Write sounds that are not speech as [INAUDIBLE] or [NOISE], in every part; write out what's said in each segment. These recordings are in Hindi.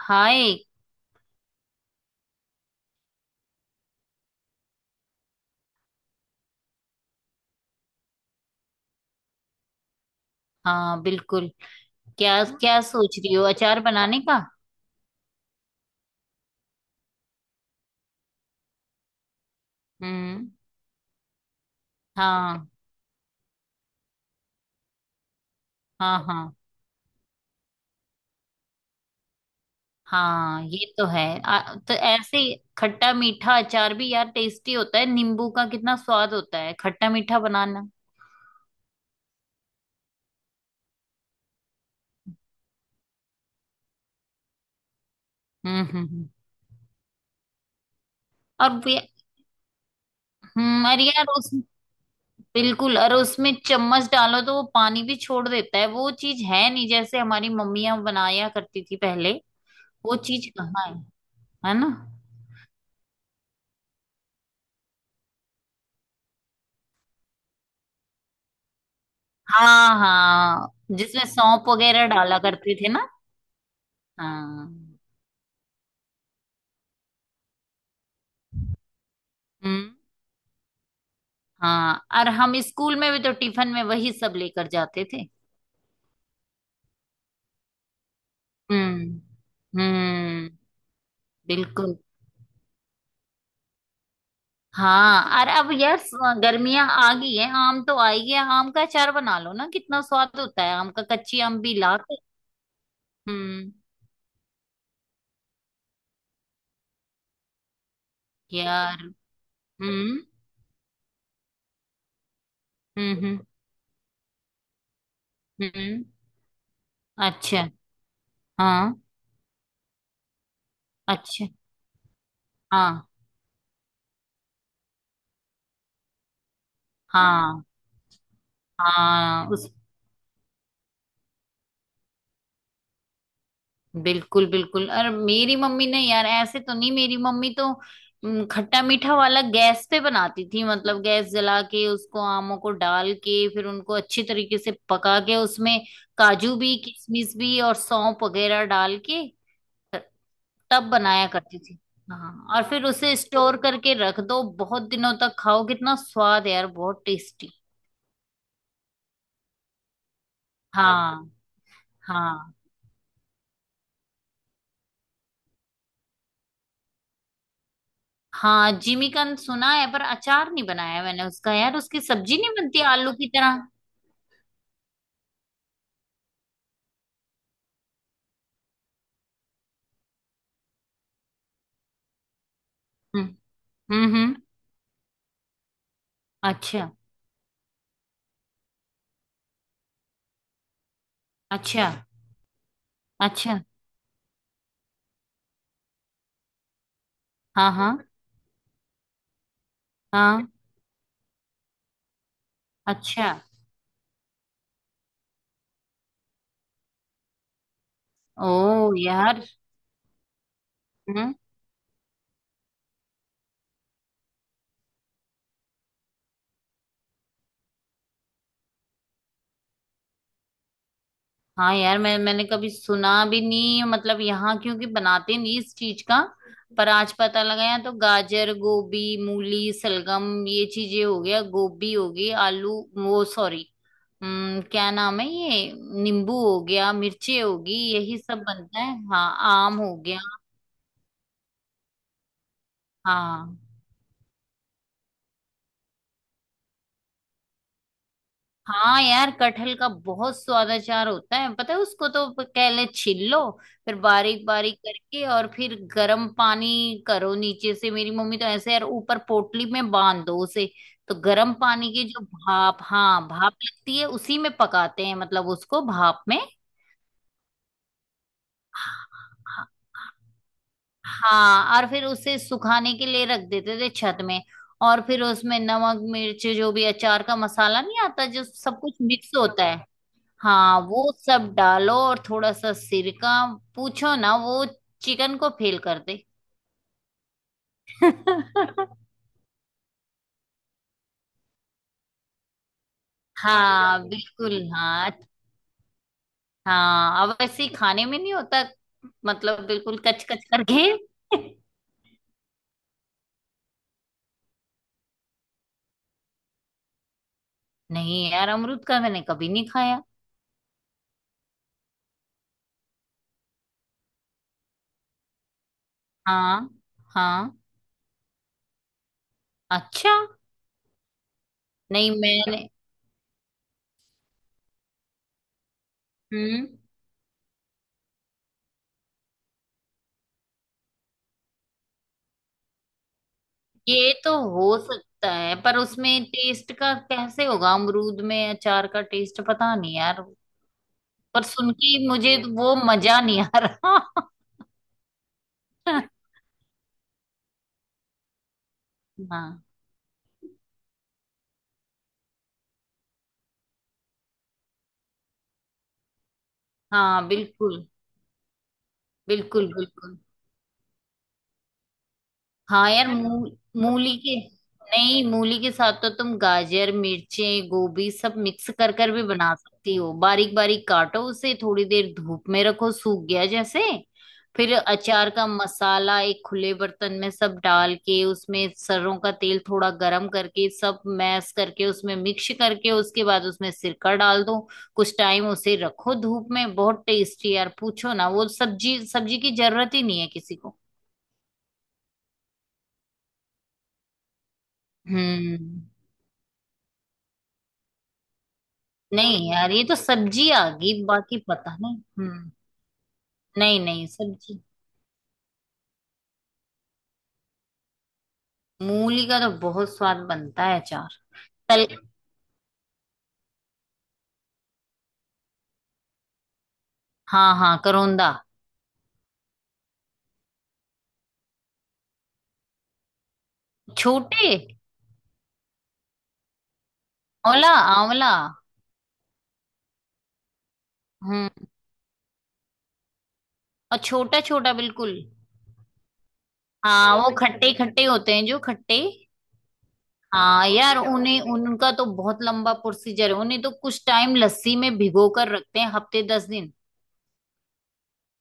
हाय। हाँ बिल्कुल। क्या है ना, क्या सोच रही हो अचार बनाने का? हम्म। हाँ हाँ हाँ हाँ, ये तो है। तो ऐसे ही खट्टा मीठा अचार भी यार टेस्टी होता है। नींबू का कितना स्वाद होता है, खट्टा मीठा बनाना। हम्म हम्म हम्म। और वे- हम्म, और यार उस बिल्कुल, और उसमें चम्मच डालो तो वो पानी भी छोड़ देता है। वो चीज है नहीं जैसे हमारी मम्मियां बनाया करती थी पहले। वो चीज कहाँ है ना? हाँ हाँ, जिसमें सौंफ वगैरह डाला करते थे ना। हाँ। हम्म। हाँ, और हम स्कूल में भी तो टिफिन में वही सब लेकर जाते थे। हम्म। हम्म। बिल्कुल। हाँ, और अब यार गर्मियां आ गई है। आम तो आई है, आम का अचार बना लो ना, कितना स्वाद होता है आम का, कच्ची आम भी ला के। हम्म। यार। हम्म हम्म हम्म हम्म। अच्छा। हाँ। अच्छा। हाँ हाँ। हाँ बिल्कुल बिल्कुल, और मेरी मम्मी ने यार ऐसे तो नहीं, मेरी मम्मी तो खट्टा मीठा वाला गैस पे बनाती थी। मतलब गैस जला के उसको, आमों को डाल के, फिर उनको अच्छी तरीके से पका के, उसमें काजू भी, किशमिश भी, और सौंफ वगैरह डाल के तब बनाया करती थी। हाँ, और फिर उसे स्टोर करके रख दो, बहुत दिनों तक खाओ, कितना स्वाद है यार, बहुत टेस्टी। हाँ। हाँ। हाँ जिमीकंद सुना है, पर अचार नहीं बनाया मैंने उसका। यार उसकी सब्जी नहीं बनती आलू की तरह? हम्म हम्म। अच्छा। अच्छा। अच्छा। हाँ हाँ हाँ। अच्छा। ओ यार। हम्म। हाँ यार, मैंने कभी सुना भी नहीं। मतलब यहाँ क्योंकि बनाते नहीं इस चीज का। पर आज पता लगा। यहाँ तो गाजर, गोभी, मूली, सलगम, ये चीजें हो गया, गोभी हो गई, आलू, वो सॉरी क्या नाम है ये, नींबू हो गया, मिर्ची होगी, यही सब बनता है। हाँ आम हो गया। हाँ। हाँ यार कटहल का बहुत स्वाद अचार होता है। पता है, उसको तो पहले छील लो, फिर बारीक बारीक करके, और फिर गर्म पानी करो नीचे से। मेरी मम्मी तो ऐसे, यार ऊपर पोटली में बांध दो उसे, तो गर्म पानी की जो भाप, हाँ भाप लगती है उसी में पकाते हैं, मतलब उसको भाप में। हाँ, और फिर उसे सुखाने के लिए रख देते थे छत में। और फिर उसमें नमक, मिर्च, जो भी अचार का मसाला नहीं आता जो सब कुछ मिक्स होता है, हाँ वो सब डालो, और थोड़ा सा सिरका। पूछो ना, वो चिकन को फेल कर दे। [LAUGHS] हाँ बिल्कुल। हाँ। हाँ अब वैसे ही खाने में नहीं होता, मतलब बिल्कुल कच कच करके। [LAUGHS] नहीं यार, अमरूद का मैंने कभी नहीं खाया। हाँ हाँ। अच्छा। नहीं मैंने हम्म, ये तो हो सकता है पर उसमें टेस्ट का कैसे होगा, अमरूद में अचार का टेस्ट, पता नहीं यार। पर सुन के मुझे वो मजा नहीं आ रहा। [LAUGHS] हाँ। हाँ बिल्कुल। बिल्कुल बिल्कुल। हाँ यार है ना मूली के, नहीं मूली के साथ तो तुम गाजर, मिर्चें, गोभी सब मिक्स कर कर भी बना सकती हो। बारीक बारीक काटो उसे, थोड़ी देर धूप में रखो, सूख गया जैसे, फिर अचार का मसाला एक खुले बर्तन में सब डाल के, उसमें सरसों का तेल थोड़ा गरम करके सब मैश करके उसमें मिक्स करके, उसके बाद उसमें सिरका डाल दो। कुछ टाइम उसे रखो धूप में, बहुत टेस्टी यार। पूछो ना, वो सब्जी, सब्जी की जरूरत ही नहीं है किसी को। हम्म। नहीं यार ये तो सब्जी आ गई, बाकी पता नहीं। हम्म। नहीं नहीं सब्जी। मूली का तो बहुत स्वाद बनता है अचार। तल हाँ हाँ करौंदा। छोटे ओला आंवला। हम्म, और छोटा छोटा बिल्कुल। हाँ वो खट्टे खट्टे होते हैं, जो खट्टे। हाँ यार उन्हें, उनका तो बहुत लंबा प्रोसीजर है। उन्हें तो कुछ टाइम लस्सी में भिगो कर रखते हैं, हफ्ते दस दिन।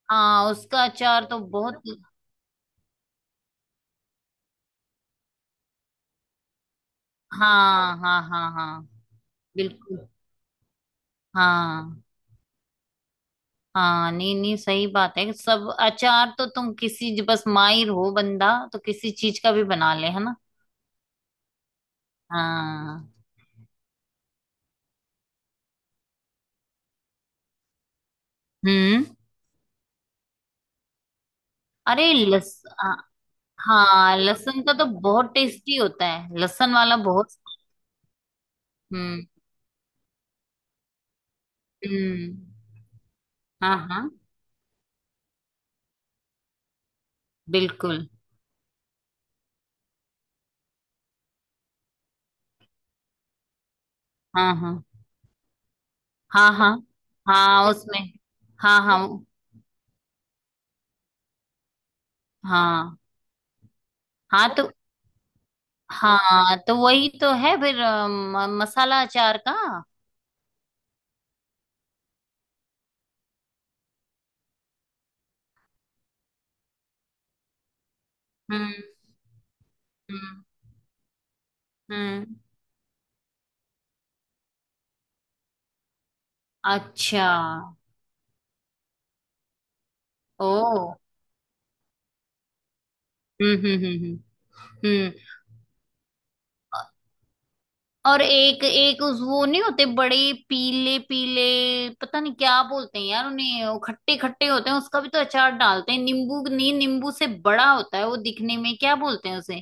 हाँ उसका अचार तो बहुत। हाँ हाँ हाँ हाँ। बिल्कुल। हाँ हाँ नहीं नहीं, सही बात है। सब अचार तो तुम किसी, बस माहिर हो बंदा, तो किसी चीज का भी बना ले, है ना? हाँ। हम्म। अरे लस आ- हाँ लहसुन का तो बहुत टेस्टी होता है, लहसुन वाला बहुत। हम्म हम्म। हाँ हाँ। बिल्कुल। हाँ हाँ हाँ हाँ। हाँ उसमें हाँ हाँ हाँ हाँ तो हाँ, तो वही तो है फिर मसाला अचार का। हम्म हम्म हम्म। अच्छा। ओ। हम्म हम्म हम्म हम्म हम्म। और एक एक उस वो, नहीं होते बड़े पीले पीले, पता नहीं क्या बोलते हैं यार उन्हें, वो खट्टे खट्टे होते हैं, उसका भी तो अचार डालते हैं। नींबू नहीं, नींबू से बड़ा होता है वो दिखने में, क्या बोलते हैं उसे।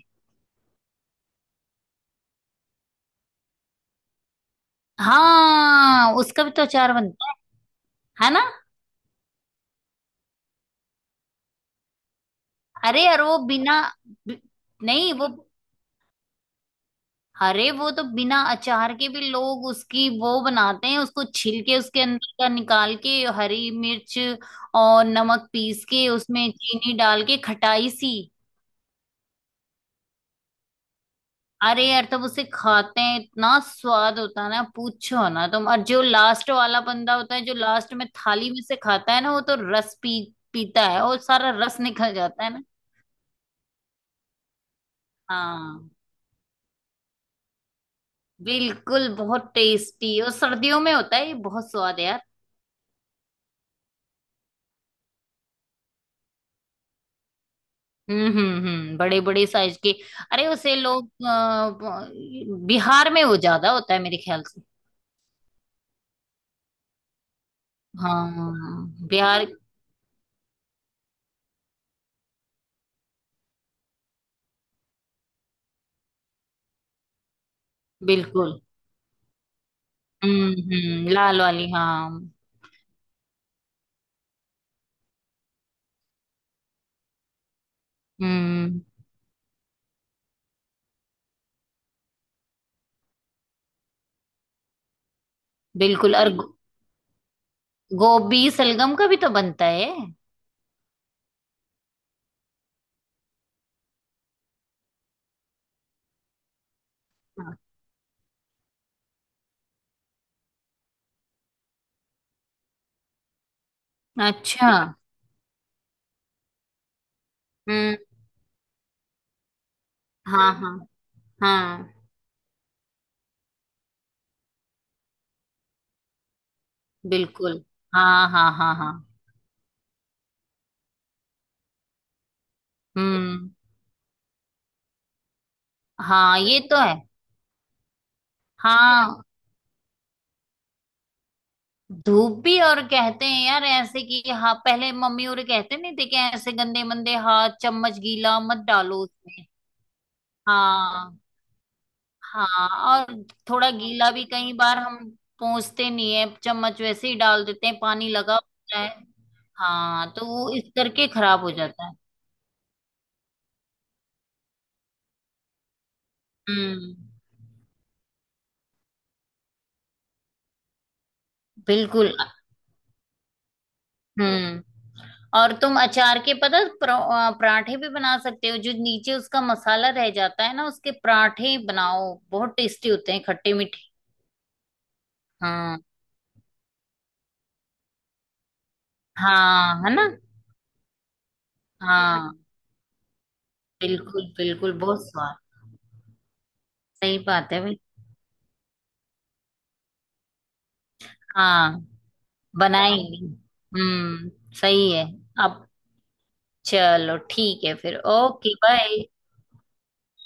हाँ उसका भी तो अचार बनता है ना। अरे यार वो बिना बि- नहीं वो, अरे वो तो बिना अचार के भी लोग उसकी वो बनाते हैं, उसको छिल के उसके अंदर का निकाल के, हरी मिर्च और नमक पीस के उसमें चीनी डाल के, खटाई सी। अरे यार तब उसे खाते हैं, इतना स्वाद होता है ना, पूछो ना तुम। और जो लास्ट वाला बंदा होता है, जो लास्ट में थाली में से खाता है ना, वो तो रस पी पीता है, और सारा रस निकल जाता है ना। हाँ बिल्कुल बहुत टेस्टी, और सर्दियों में होता है ये, बहुत स्वाद है यार। बड़े बड़े साइज के। अरे उसे लोग बिहार में वो ज्यादा होता है मेरे ख्याल से। हाँ बिहार। बिल्कुल। लाल वाली हाँ। हम्म। बिल्कुल, और गोभी सलगम का भी तो बनता है। अच्छा। हम्म। हाँ हाँ हाँ बिल्कुल हाँ हाँ हाँ हाँ हम्म हाँ ये तो है। हाँ धूप भी, और कहते हैं यार ऐसे कि हाँ पहले मम्मी और कहते नहीं थे कि ऐसे गंदे मंदे हाथ, चम्मच गीला मत डालो उसमें। हाँ। हाँ और थोड़ा गीला भी कई बार हम पहुंचते नहीं है, चम्मच वैसे ही डाल देते हैं, पानी लगा होता है। हाँ तो वो इस करके खराब हो जाता है। हम्म। बिल्कुल। हम्म, और तुम अचार के पता पराठे भी बना सकते हो। जो नीचे उसका मसाला रह जाता है ना, उसके पराठे बनाओ, बहुत टेस्टी होते हैं, खट्टे मीठे। हाँ हाँ है ना। हाँ बिल्कुल बिल्कुल बहुत स्वाद। सही बात है भाई। हाँ, बनाएंगे हम्म। सही है। अब चलो ठीक है फिर, ओके बाय।